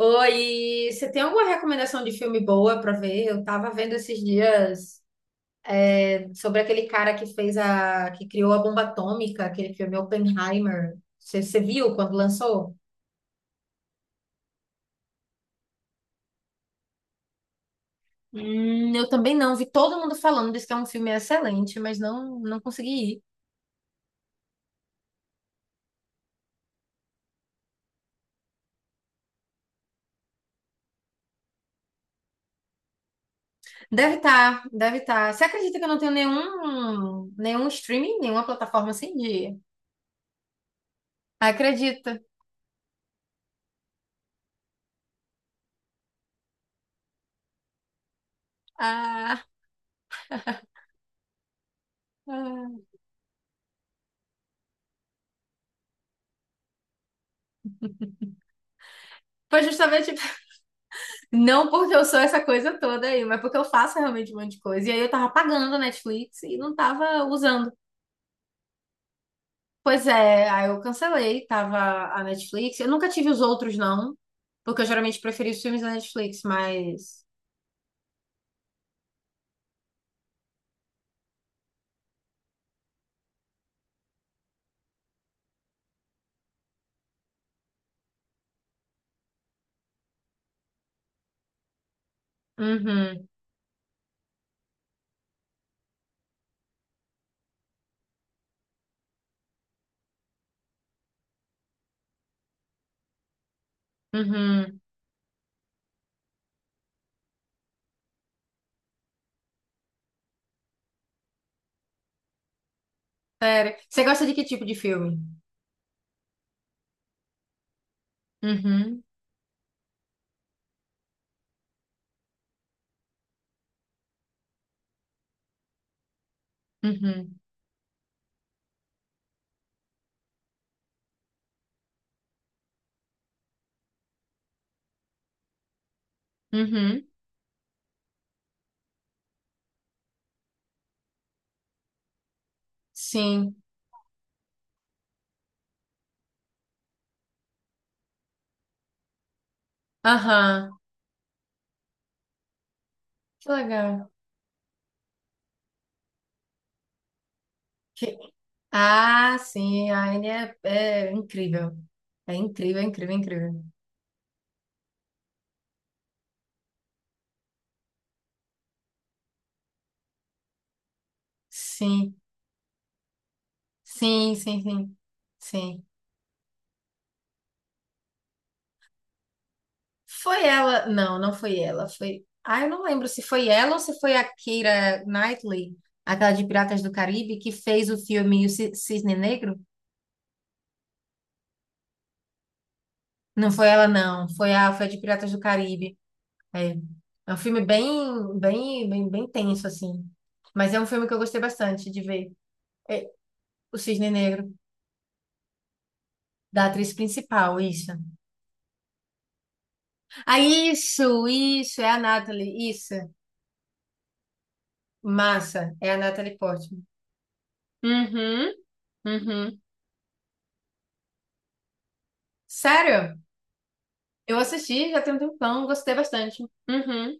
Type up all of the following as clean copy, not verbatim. Oi, você tem alguma recomendação de filme boa pra ver? Eu tava vendo esses dias sobre aquele cara que fez que criou a bomba atômica, aquele filme Oppenheimer. Você viu quando lançou? Eu também não, vi todo mundo falando, disse que é um filme excelente, mas não consegui ir. Deve estar, deve estar. Você acredita que eu não tenho nenhum streaming, nenhuma plataforma assim de? Acredita. Ah, ah. Foi justamente. Não porque eu sou essa coisa toda aí, mas porque eu faço realmente um monte de coisa. E aí eu tava pagando a Netflix e não tava usando. Pois é, aí eu cancelei, tava a Netflix. Eu nunca tive os outros, não, porque eu geralmente preferi os filmes da Netflix, mas. Uhum, uhum. Sério. Você gosta de que tipo de filme? Uhum, uhum, uhum. Sim. Aham. Que legal. Que- Ah, sim, a Anne é incrível. É incrível, incrível, incrível. Sim. Sim, sim, sim. Sim. Foi ela. Não, não foi ela. Foi. Ah, eu não lembro se foi ela ou se foi a Keira Knightley, aquela de Piratas do Caribe, que fez o filme Cisne Negro. Não foi ela, não. Foi foi a de Piratas do Caribe. É. É um filme bem, bem, bem, bem tenso, assim. Mas é um filme que eu gostei bastante de ver. É, o Cisne Negro, da atriz principal, isso. Ah, isso, é a Natalie, isso. Massa, é a Natalie Portman. Uhum. Uhum. Sério? Eu assisti já tem um tempão, gostei bastante. Uhum.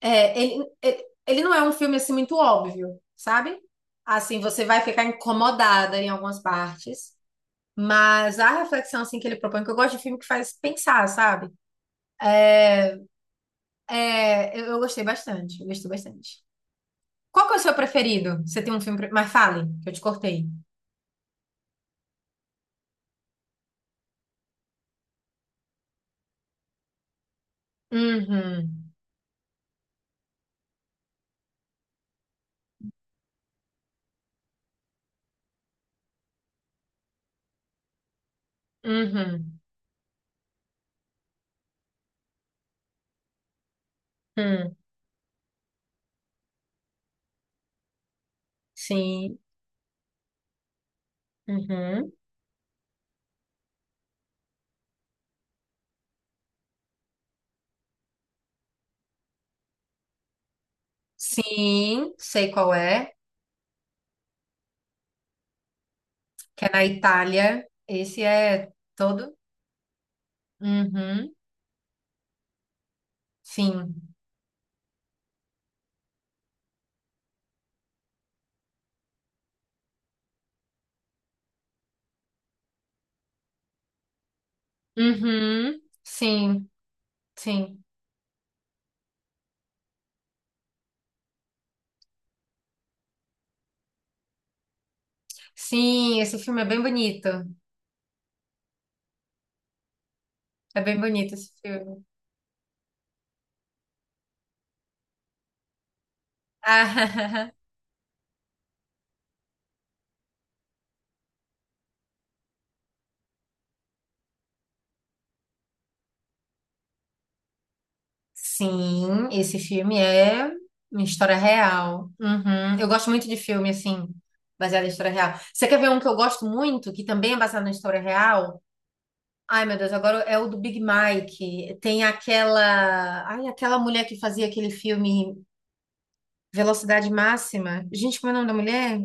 É, ele não é um filme assim muito óbvio, sabe? Assim, você vai ficar incomodada em algumas partes, mas a reflexão assim que ele propõe, que eu gosto de filme que faz pensar, sabe? É, eu gostei bastante, eu gostei bastante. Qual que é o seu preferido? Você tem um filme, mas fale, que eu te cortei. Uhum. Uhum. Hum. Sim. Uhum. Sim, sei qual é. Que é na Itália. Esse é todo? Uhum, sim. Uhum, sim, sim. Sim, esse filme é bem bonito. É bem bonito esse filme. Ah, sim, esse filme é uma história real. Uhum. Eu gosto muito de filme, assim, baseado em história real. Você quer ver um que eu gosto muito, que também é baseado na história real? Ai, meu Deus, agora é o do Big Mike. Tem aquela, ai, aquela mulher que fazia aquele filme Velocidade Máxima. Gente, como é o nome da mulher?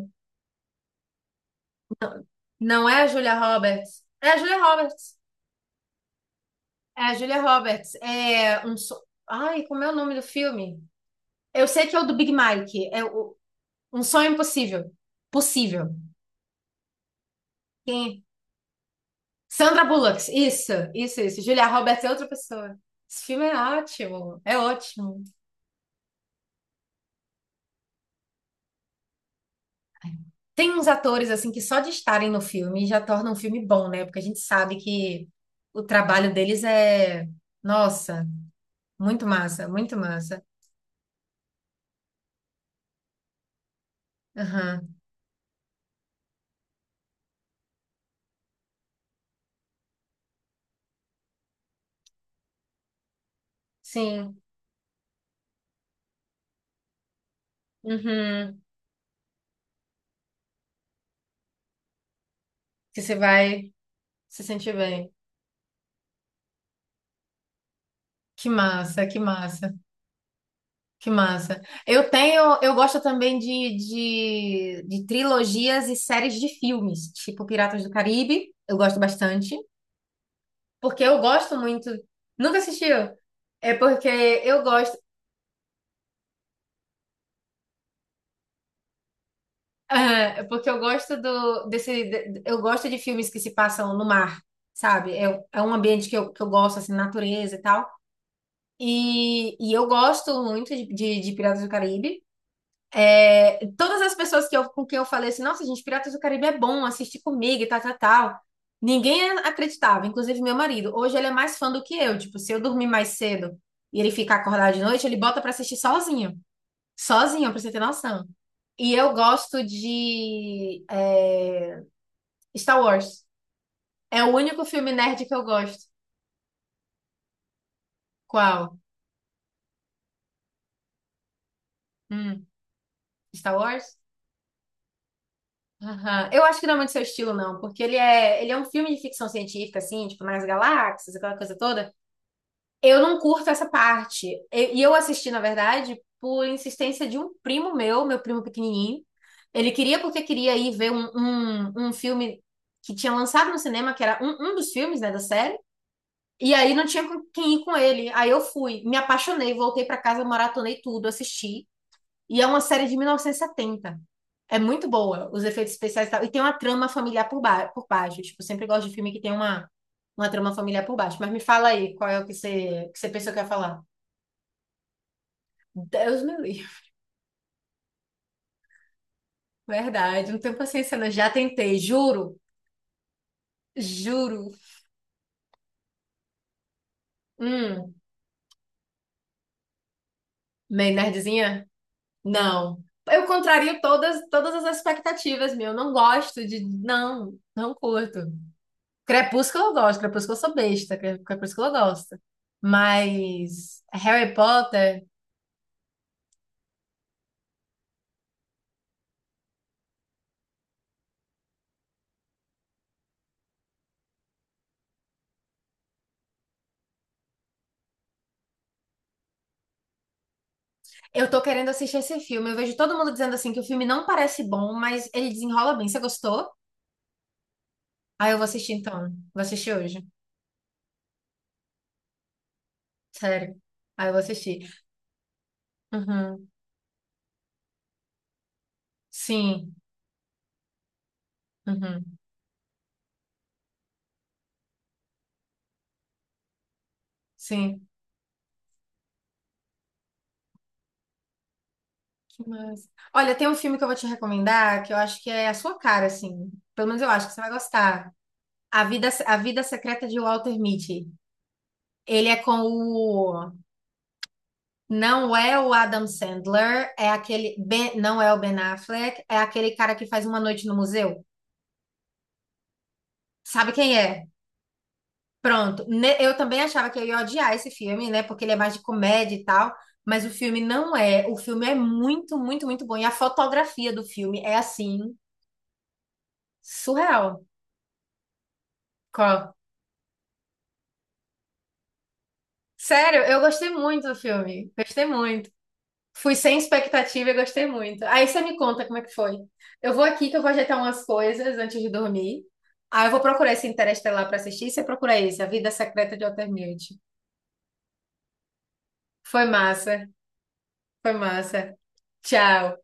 Não é a Julia Roberts. É a Julia Roberts. É a Julia Roberts. É um so... Ai, como é o nome do filme? Eu sei que é o do Big Mike. É o... Um Sonho Impossível. Possível. Quem? Sandra Bullock. Isso, isso, isso. Julia Roberts é outra pessoa. Esse filme é ótimo. É ótimo. Tem uns atores, assim, que só de estarem no filme já tornam um filme bom, né? Porque a gente sabe que o trabalho deles é... Nossa, muito massa, muito massa. Aham, sim. Uhum. Que você vai se sentir bem. Que massa, que massa, que massa. Eu tenho, eu gosto também de trilogias e séries de filmes, tipo Piratas do Caribe, eu gosto bastante, porque eu gosto muito. Nunca assistiu? É porque eu gosto, é porque eu gosto eu gosto de filmes que se passam no mar, sabe? É um ambiente que eu gosto, assim, natureza e tal. E eu gosto muito de Piratas do Caribe. É, todas as pessoas com quem eu falei assim, nossa, gente, Piratas do Caribe é bom, assiste comigo e tal, tal, tal. Ninguém acreditava, inclusive meu marido. Hoje ele é mais fã do que eu. Tipo, se eu dormir mais cedo e ele ficar acordado de noite, ele bota pra assistir sozinho. Sozinho, pra você ter noção. E eu gosto Star Wars. É o único filme nerd que eu gosto. Qual? Hum, Star Wars? Aham. Eu acho que não é muito seu estilo, não, porque ele é um filme de ficção científica, assim, tipo, nas galáxias, aquela coisa toda. Eu não curto essa parte. E eu assisti, na verdade, por insistência de um primo meu, meu primo pequenininho. Ele queria porque queria ir ver um filme que tinha lançado no cinema, que era um dos filmes, né, da série. E aí não tinha com quem ir com ele. Aí eu fui, me apaixonei, voltei pra casa, maratonei tudo, assisti. E é uma série de 1970. É muito boa, os efeitos especiais e tal. E tem uma trama familiar por baixo. Tipo, eu sempre gosto de filme que tem uma trama familiar por baixo. Mas me fala aí, qual é o que você pensou que ia falar? Deus me livre. Verdade, não tenho paciência, não. Já tentei, juro. Juro. Hum, meio nerdzinha? Não. Eu contrario todas as expectativas, meu. Eu não gosto de. Não, não curto. Crepúsculo eu gosto, Crepúsculo eu sou besta, Crepúsculo eu gosto. Mas Harry Potter, eu tô querendo assistir esse filme. Eu vejo todo mundo dizendo assim que o filme não parece bom, mas ele desenrola bem. Você gostou? Aí eu vou assistir então. Vou assistir hoje. Sério. Aí eu vou assistir. Uhum. Sim. Uhum. Sim. Que massa. Olha, tem um filme que eu vou te recomendar que eu acho que é a sua cara, assim. Pelo menos eu acho que você vai gostar. A Vida Secreta de Walter Mitty. Ele é com o. Não é o Adam Sandler, é aquele não é o Ben Affleck, é aquele cara que faz Uma Noite no Museu. Sabe quem é? Pronto. Eu também achava que eu ia odiar esse filme, né? Porque ele é mais de comédia e tal, mas o filme não é. O filme é muito, muito, muito bom. E a fotografia do filme é assim, surreal. Qual? Sério, eu gostei muito do filme. Gostei muito. Fui sem expectativa e gostei muito. Aí você me conta como é que foi. Eu vou aqui que eu vou ajeitar umas coisas antes de dormir. Aí eu vou procurar esse Interestelar para assistir. Você procura esse, A Vida Secreta de Walter Mitty. Foi massa, foi massa. Tchau.